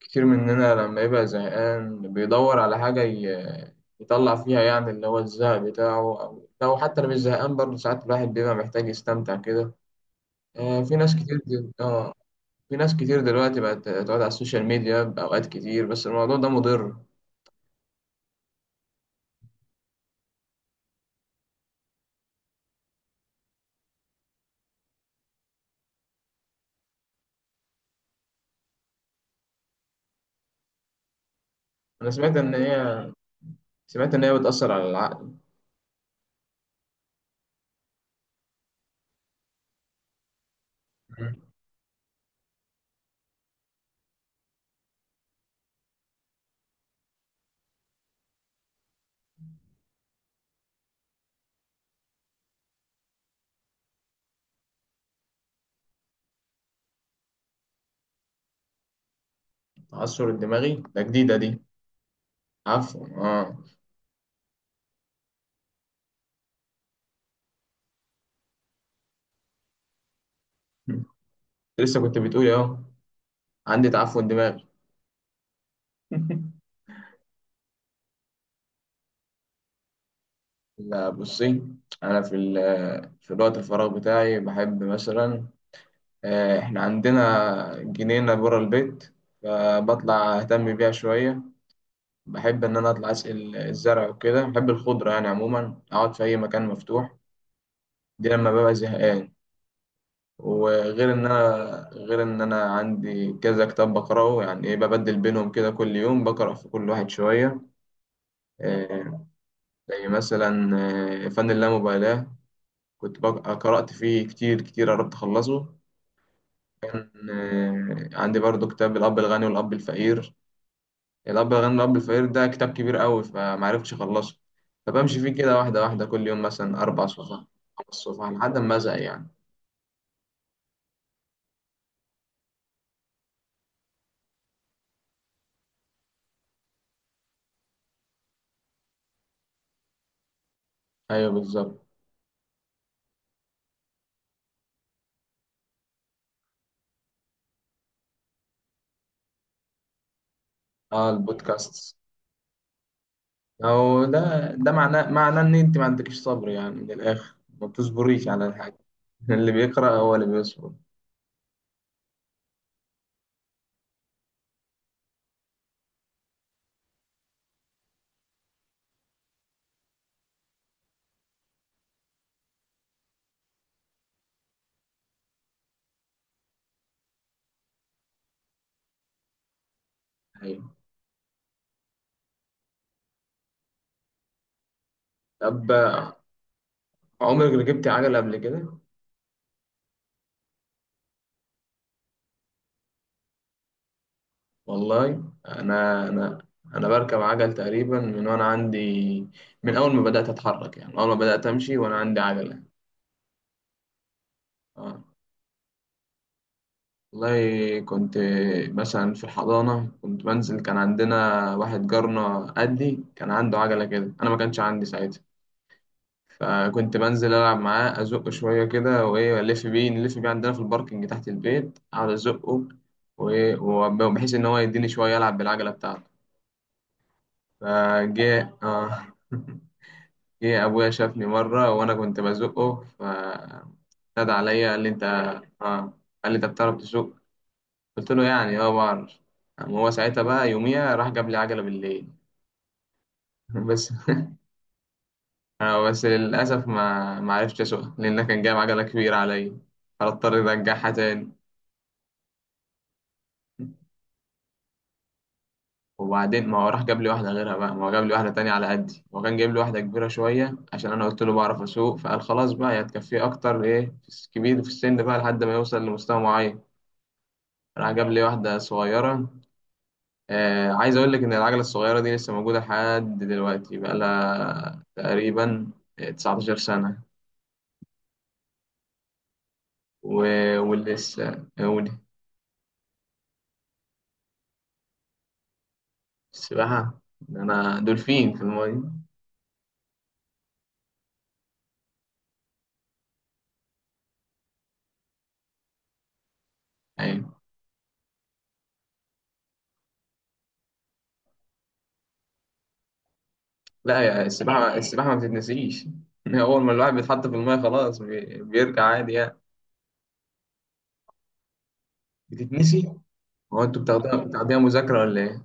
كتير مننا لما يبقى زهقان بيدور على يطلع فيها، يعني اللي هو الزهق بتاعه، أو لو حتى لو مش زهقان برضه ساعات الواحد بيبقى محتاج يستمتع كده. في ناس كتير دل... آه في ناس كتير دلوقتي بقت تقعد على السوشيال ميديا بأوقات كتير، بس الموضوع ده مضر. أنا سمعت إن هي، سمعت إن هي بتأثر على العقل. مم. التعثر الدماغي ده جديدة دي. عفوا آه. لسه كنت بتقولي أهو عندي تعفن دماغي. لا بصي، أنا في في الوقت الفراغ بتاعي بحب مثلا، إحنا عندنا جنينة برا البيت، فبطلع أهتم بيها شوية. بحب إن أنا أطلع أسقي الزرع وكده، بحب الخضرة يعني عموما أقعد في أي مكان مفتوح، دي لما ببقى زهقان. وغير إن أنا غير إن أنا عندي كذا كتاب بقرأه، يعني إيه ببدل بينهم كده كل يوم بقرأ في كل واحد شوية. آه، زي مثلا، فن اللامبالاة، كنت قرأت فيه كتير كتير، قربت أخلصه. عندي برضو كتاب الأب الغني والأب الفقير. الأب الغني والأب الفقير ده كتاب كبير قوي فمعرفتش أخلصه، فبمشي فيه كده واحدة واحدة، كل يوم مثلا أربع صفح، خمس صفح لحد ما أزهق يعني. أيوه بالظبط. أه البودكاست، أو ده ده معناه إن أنت ما عندكش صبر يعني من الآخر، ما بتصبريش على الحاجة. اللي بيقرأ هو اللي بيصبر. أيوه. طب عمرك ركبتي عجلة قبل كده؟ والله انا انا بركب عجل تقريبا من وانا عندي، من اول ما بدات اتحرك، يعني اول ما بدات امشي وانا عندي عجله. اه والله كنت مثلا في الحضانه كنت بنزل، كان عندنا واحد جارنا قدي كان عنده عجله كده، انا ما كانش عندي ساعتها، فكنت بنزل العب معاه ازقه شويه كده، وايه الف بيه نلف بيه عندنا في الباركنج تحت البيت، اقعد ازقه وبحيث ان هو يديني شويه العب بالعجله بتاعته. فجاء اه. ايه ابويا شافني مره وانا كنت بزقه، فنادى عليا قال لي انت اه، قال لي انت بتعرف تسوق؟ قلت له يعني اه بعرف. قام هو ساعتها بقى يوميها راح جاب لي عجله بالليل. بس آه، بس للاسف ما عرفتش اسوقها، لان كان جايب عجله كبيره عليا، فاضطر ارجعها تاني. وبعدين ما هو راح جاب لي واحده غيرها بقى، ما هو جاب لي واحده تانية على قدي، هو كان جايب لي واحده كبيره شويه عشان انا قلت له بعرف اسوق، فقال خلاص بقى هي هتكفيه اكتر، ايه في كبير في السن بقى لحد ما يوصل لمستوى معين. راح جاب لي واحدة صغيرة. آه عايز أقول لك إن العجلة الصغيرة دي لسه موجودة لحد دلوقتي بقالها تقريبا 19 سنة. ولسه أقول. السباحة، ده أنا دولفين في المية. أيوة. لا يا، السباحة السباحة ما بتتنسيش. أول ما الواحد بيتحط في المية خلاص بيرجع عادي يعني. بتتنسي. هو أنتوا بتاخدوها مذاكرة ولا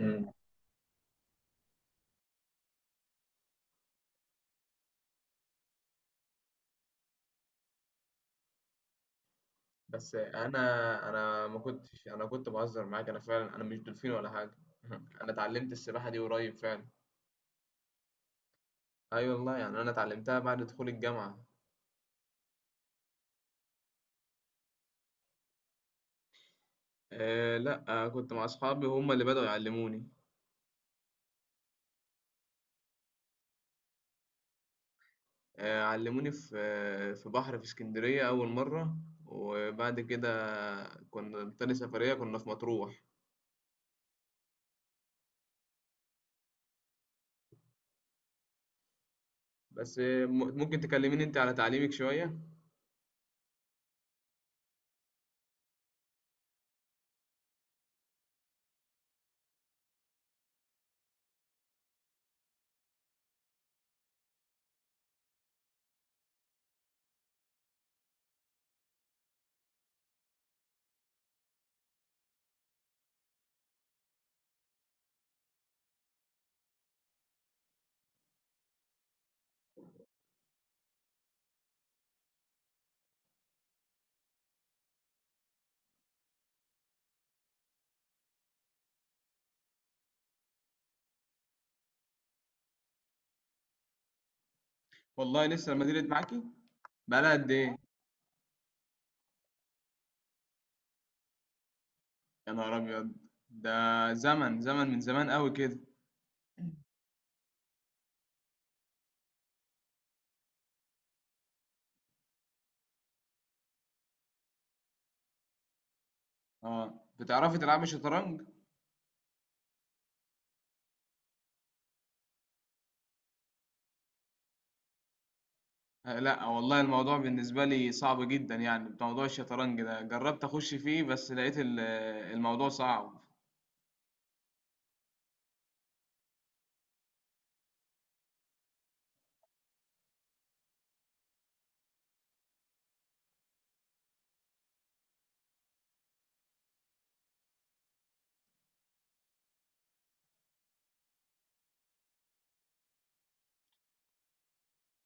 إيه؟ بس انا، انا ما كنتش انا كنت بهزر معاك، انا فعلا انا مش دولفين ولا حاجه. انا اتعلمت السباحه دي قريب فعلا، اي والله يعني انا اتعلمتها بعد دخول الجامعه. أه لا أه كنت مع اصحابي هم اللي بدأوا يعلموني. أه علموني في في بحر في اسكندريه اول مره، وبعد كده كنا تاني سفريه كنا في مطروح. بس ممكن تكلميني انت على تعليمك شويه. والله لسه المدينه معاكي، بقالها قد ايه؟ يا نهار ابيض، ده زمن، زمن من زمان قوي كده. آه، بتعرفي تلعبي شطرنج؟ لا والله الموضوع بالنسبة لي صعب جدا يعني، موضوع الشطرنج ده جربت أخش فيه بس لقيت الموضوع صعب.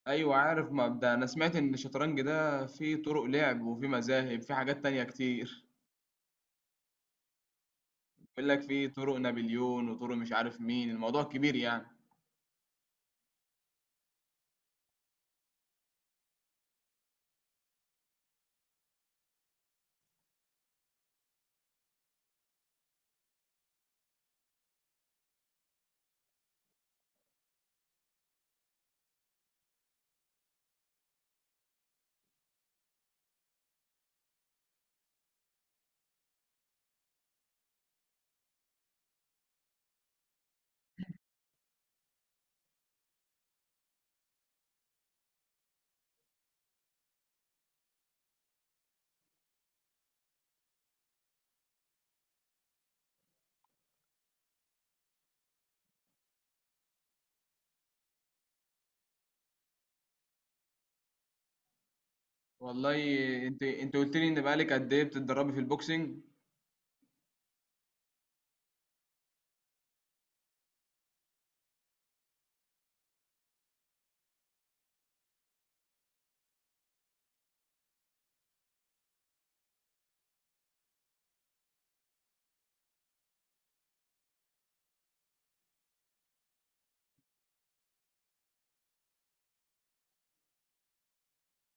أيوة عارف مبدأ، أنا سمعت إن الشطرنج ده فيه طرق لعب، وفيه مذاهب، فيه حاجات تانية كتير. بيقول لك فيه طرق نابليون وطرق مش عارف مين، الموضوع كبير يعني. والله انت قلت لي ان بقالك قد ايه بتتدربي في البوكسنج؟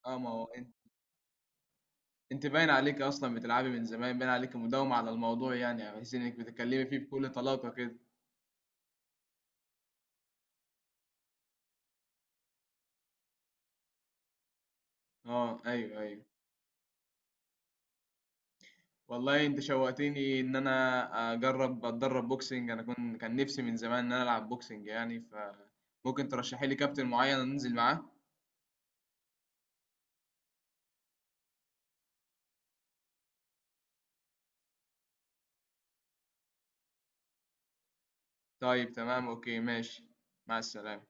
اه ما هو انت، انت باين عليك اصلا بتلعبي من زمان، باين عليك مداومة على الموضوع يعني، بحيث انك بتتكلمي فيه بكل طلاقة كده. اه ايوه ايوه. والله انت شوقتني ان انا اجرب اتدرب بوكسنج، انا كنت كان نفسي من زمان ان انا العب بوكسنج يعني، فممكن ترشحي لي كابتن معين انزل معاه. طيب تمام اوكي ماشي. مع السلامة.